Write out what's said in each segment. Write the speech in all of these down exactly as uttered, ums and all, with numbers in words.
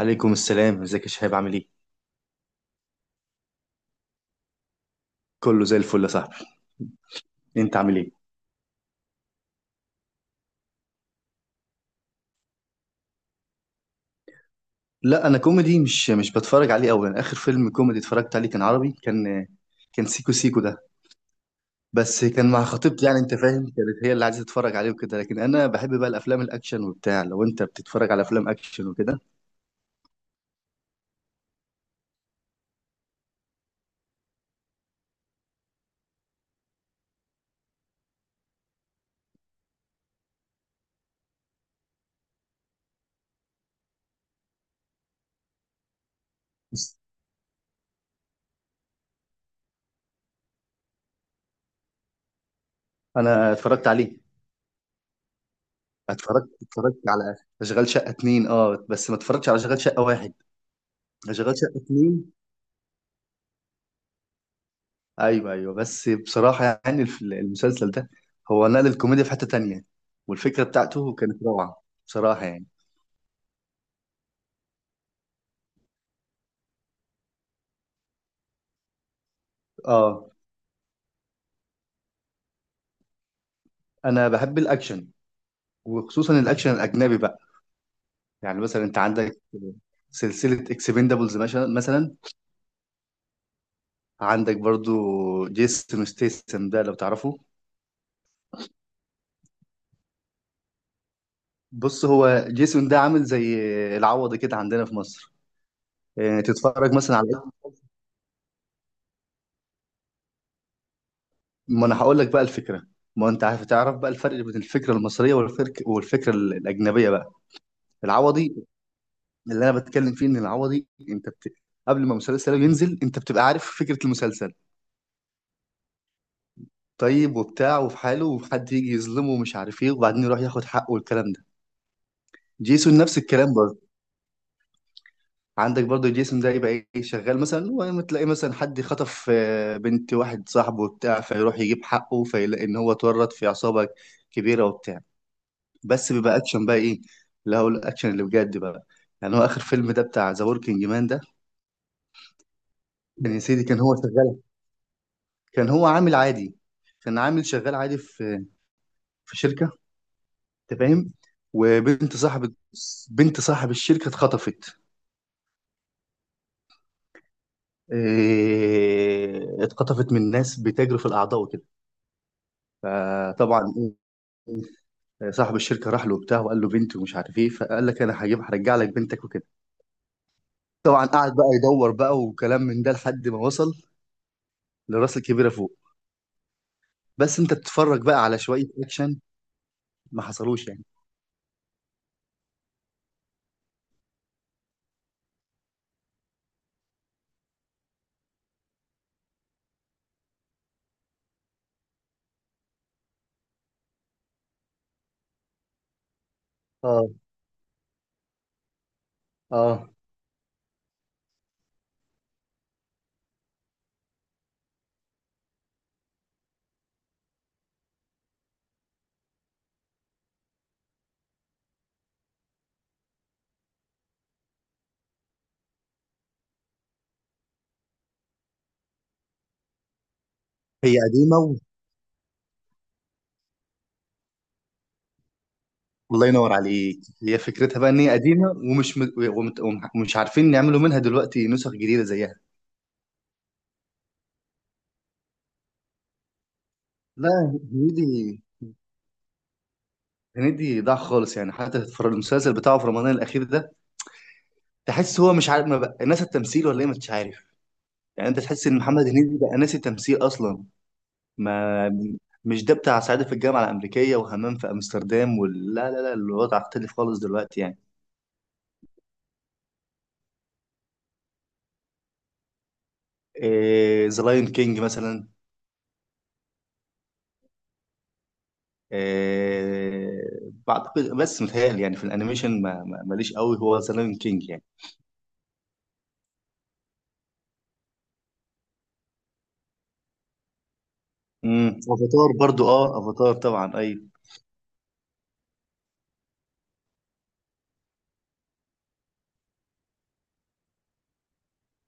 عليكم السلام، ازيك يا شهاب؟ عامل ايه؟ كله زي الفل يا صاحبي. انت عامل ايه؟ لا، انا كوميدي مش مش بتفرج عليه قوي. انا اخر فيلم كوميدي اتفرجت عليه كان عربي، كان كان سيكو سيكو ده. بس كان مع خطيبتي، يعني انت فاهم، كانت هي اللي عايزه تتفرج عليه وكده. لكن انا بحب بقى الافلام الاكشن وبتاع. لو انت بتتفرج على افلام اكشن وكده، بس انا اتفرجت عليه. اتفرجت اتفرجت على اشغال شقه اتنين، اه، بس ما اتفرجتش على اشغال شقه واحد. اشغال شقه اتنين، ايوه ايوه، بس بصراحه، يعني الف- المسلسل ده هو نقل الكوميديا في حته تانية، والفكره بتاعته كانت روعه بصراحه، يعني. اه، انا بحب الاكشن، وخصوصا الاكشن الاجنبي بقى. يعني مثلا انت عندك سلسله اكسبندابلز مثلا مثلا. عندك برضو جيسون ستيسن ده لو تعرفه. بص، هو جيسون ده عامل زي العوض كده عندنا في مصر. يعني تتفرج مثلا على، ما انا هقول لك بقى الفكره. ما انت عارف، تعرف بقى الفرق بين الفكره المصريه والفكره والفكره الاجنبيه بقى. العوضي اللي انا بتكلم فيه، ان العوضي انت بت... قبل ما مسلسله ينزل انت بتبقى عارف فكره المسلسل، طيب وبتاع، وفي حاله وحد يجي يظلمه ومش عارف ايه وبعدين يروح ياخد حقه والكلام ده. جيسون نفس الكلام برضه. عندك برضه جيسون ده يبقى ايه، شغال مثلا وتلاقي مثلا حد خطف آه، بنت واحد صاحبه وبتاع، فيروح يجيب حقه فيلاقي ان هو اتورط في عصابه كبيره وبتاع. بس بيبقى اكشن بقى، ايه اللي هو الاكشن اللي بجد بقى. يعني هو اخر فيلم ده بتاع ذا وركينج مان ده. كان يا سيدي، كان هو شغال، كان هو عامل عادي، كان عامل شغال عادي في في شركة، انت فاهم. وبنت صاحب، بنت صاحب الشركة اتخطفت. إيه، اتخطفت من ناس بتجري في الأعضاء وكده. فطبعا، إيه، صاحب الشركة راح له وبتاع وقال له بنتي ومش عارف ايه، فقال لك انا هجيب، هرجع لك بنتك وكده. طبعا قعد بقى يدور بقى وكلام من ده لحد ما وصل لراس الكبيرة فوق. بس انت بتتفرج بقى على شوية اكشن ما حصلوش يعني. اه، اه. هي قديمة. الله ينور عليك، هي فكرتها بقى ان هي قديمه ومش م... ومت... ومش عارفين يعملوا منها دلوقتي نسخ جديده زيها. لا، هنيدي، هنيدي ضاع خالص يعني. حتى في المسلسل بتاعه في رمضان الاخير ده، تحس هو مش عارف، ما بقى ناس التمثيل ولا ايه مش عارف. يعني انت تحس ان محمد هنيدي بقى ناسي التمثيل اصلا. ما مش ده بتاع صعيدي في الجامعه الامريكيه وهمام في امستردام، ولا لا لا لا، الوضع اختلف خالص دلوقتي يعني. ذا لاين كينج مثلا، آه، بعتقد بس متهيألي، يعني في الانيميشن ما ما- ماليش قوي، هو ذا لايون كينج يعني. امم افاتار برضو، اه افاتار طبعا ايوه.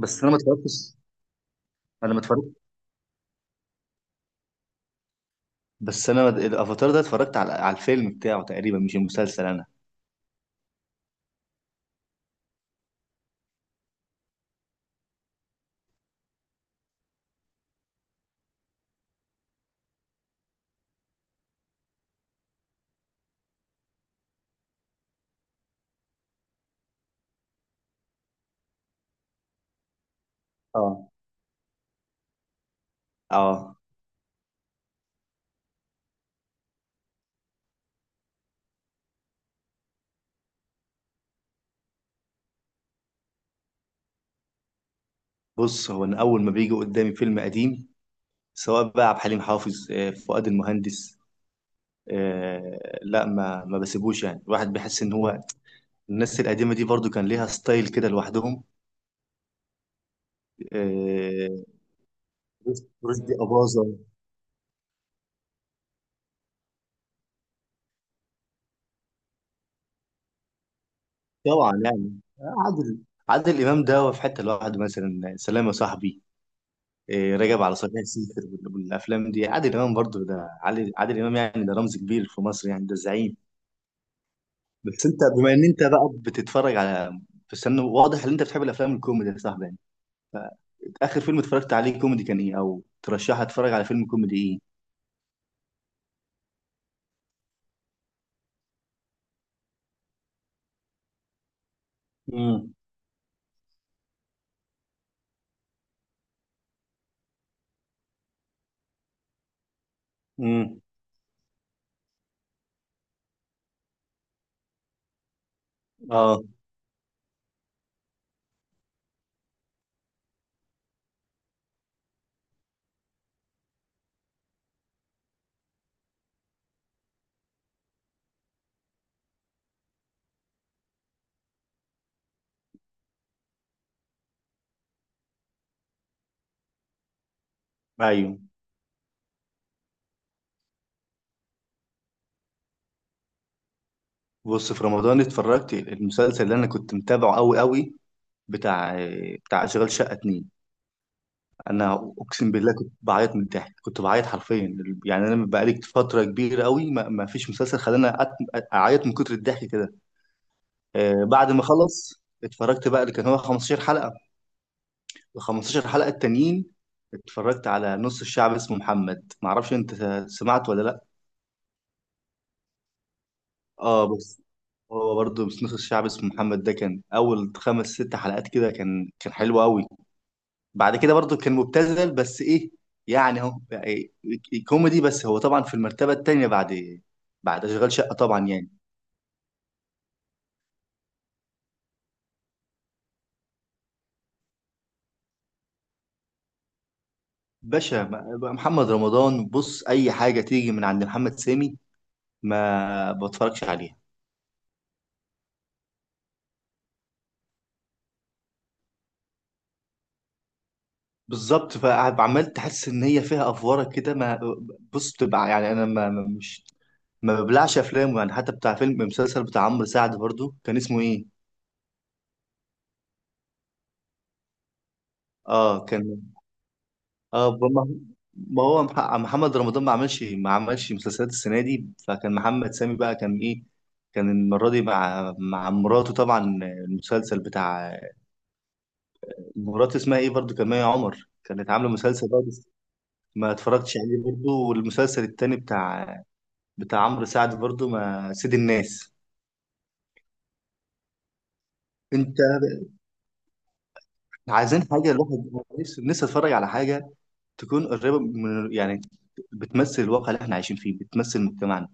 بس انا ما اتفرجتش، انا ما اتفرجت. بس انا ما- الافاتار ده اتفرجت على على الفيلم بتاعه تقريبا، مش المسلسل انا. اه، اه. بص، هو انا اول ما بيجي قدامي فيلم قديم سواء بقى عبد الحليم حافظ، آه، فؤاد المهندس، آه، لا، ما ما بسيبوش يعني. الواحد بيحس ان هو الناس القديمه دي برضو كان ليها ستايل كده لوحدهم. آه، رشدي أباظة، طبعا يعني. عادل عادل إمام ده هو في حتة لوحده، مثلا سلام يا صاحبي، إيه، راجع على صحيح سيفر وال- والأفلام دي. عادل إمام برضو ده، عادل عادل إمام يعني، ده رمز كبير في مصر يعني، ده زعيم. بس أنت بما إن أنت بقى بتتفرج على، بس أنا واضح إن أنت بتحب الأفلام الكوميدي يا صاحبي يعني. آخر فيلم اتفرجت عليه كوميدي كان إيه؟ أو ترشح أتفرج على فيلم كوميدي إيه؟ امم امم اه، ايوه. بص، في رمضان اتفرجت المسلسل اللي انا كنت متابعه قوي قوي، بتاع بتاع اشغال شقه اتنين. انا اقسم بالله كنت بعيط من الضحك، كنت بعيط حرفيا. يعني انا بقالي فتره كبيره قوي ما, ما فيش مسلسل خلاني أت- اعيط من كتر الضحك كده. آه، بعد ما خلص اتفرجت بقى اللي كان هو خمستاشر حلقه، ال خمستاشر حلقه التانيين. اتفرجت على نص الشعب اسمه محمد، معرفش انت سمعت ولا لا. اه، بس هو برضه، بس نص الشعب اسمه محمد ده كان اول خمس ست حلقات كده، كان كان حلو قوي. بعد كده برضو كان مبتذل، بس ايه، يعني هو يعني كوميدي. بس هو طبعا في المرتبة التانية بعد بعد اشغال شقة طبعا يعني. باشا م- محمد رمضان، بص، اي حاجة تيجي من عند محمد سامي ما بتفرجش عليها. بالظبط، فعمال تحس ان هي فيها افوره كده. ما بص، بتبقى يعني انا ما ما- مش، ما ببلعش افلام يعني. حتى بتاع فيلم مسلسل بتاع عمرو سعد برضو، كان اسمه ايه؟ اه كان، اه ب- ما ما هو مح- محمد رمضان ما عملش ما عملش مسلسلات السنه دي. فكان محمد سامي بقى كان ايه، كان المره دي مع مع مراته طبعا المسلسل بتاع، مراته اسمها ايه برضو، كان مي عمر كانت عامله مسلسل برضو. ما اتفرجتش عليه برضو. والمسلسل التاني بتاع بتاع عمرو سعد برضو، ما سيد الناس، انت عايزين حاجه. الواحد نفسه نفسه اتفرج على حاجه تكون قريبة من، يعني بتمثل الواقع اللي احنا عايشين فيه، بتمثل مجتمعنا.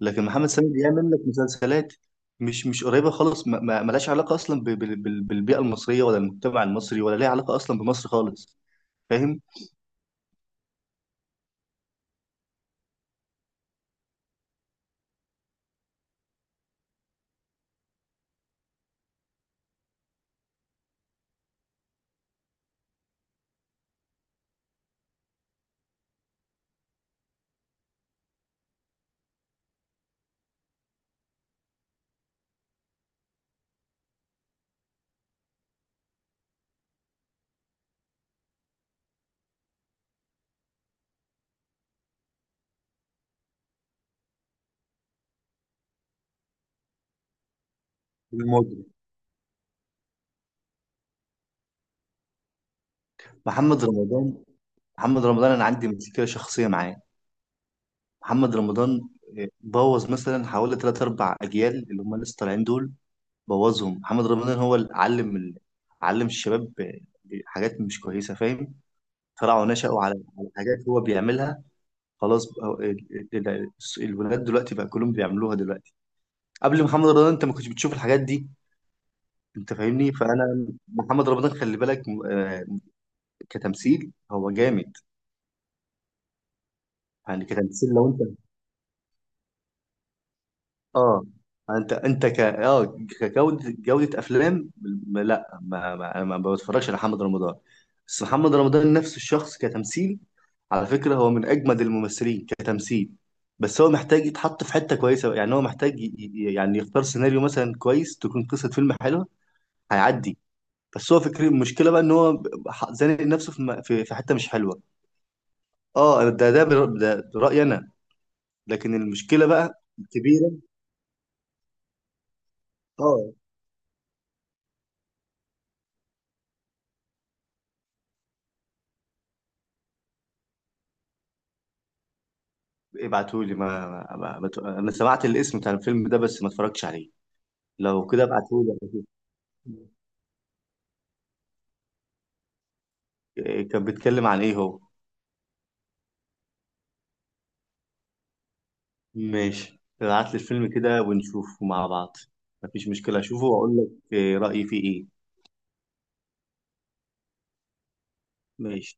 لكن محمد سامي بيعمل لك مسلسلات مش مش قريبة خالص، ما ما- ملهاش علاقة أصلا ب- بال- بال- بالبيئة المصرية، ولا المجتمع المصري، ولا ليها علاقة أصلا بمصر خالص. فاهم؟ الموضوع محمد رمضان. محمد رمضان أنا عندي مشكلة شخصية معاه. محمد رمضان آه، بوظ مثلا حوالي ثلاث أربع أجيال اللي هم لسه طالعين دول. بوظهم محمد رمضان، هو اللي علم ال- علم الشباب آه، حاجات مش كويسة. فاهم؟ طلعوا نشأوا على على حاجات هو بيعملها. خلاص بقى، ال- ال- ال- الولاد دلوقتي بقى كلهم بيعملوها دلوقتي. قبل محمد رمضان انت ما كنتش بتشوف الحاجات دي. انت فاهمني. فانا محمد رمضان، خلي بالك، م- آه، كتمثيل هو جامد. يعني كتمثيل لو انت، اه، انت انت ك اه كجوده جوده افلام، م- لا، ما, ما, ما بتفرجش على محمد رمضان. بس محمد رمضان نفسه الشخص كتمثيل، على فكره هو من اجمد الممثلين كتمثيل. بس هو محتاج يتحط في حته كويسه، يعني هو محتاج ي- ي- يعني يختار سيناريو مثلا كويس تكون قصه فيلم حلوه، هيعدي. بس هو فكرة المشكله بقى ان هو ب- ح- زانق نفسه في م- في في حته مش حلوه. اه، ده ده, بر- ده رايي انا. لكن المشكله بقى كبيره. اه، ابعتولي. ما... ما... ما... ما... ت- انا سمعت الاسم بتاع الفيلم ده بس ما اتفرجتش عليه. لو كده ابعتهولي أشوف. إيه، كان بيتكلم عن ايه هو؟ ماشي، ابعت لي الفيلم كده ونشوفه مع بعض. مفيش مشكلة اشوفه واقول لك إيه رأيي فيه ايه. ماشي.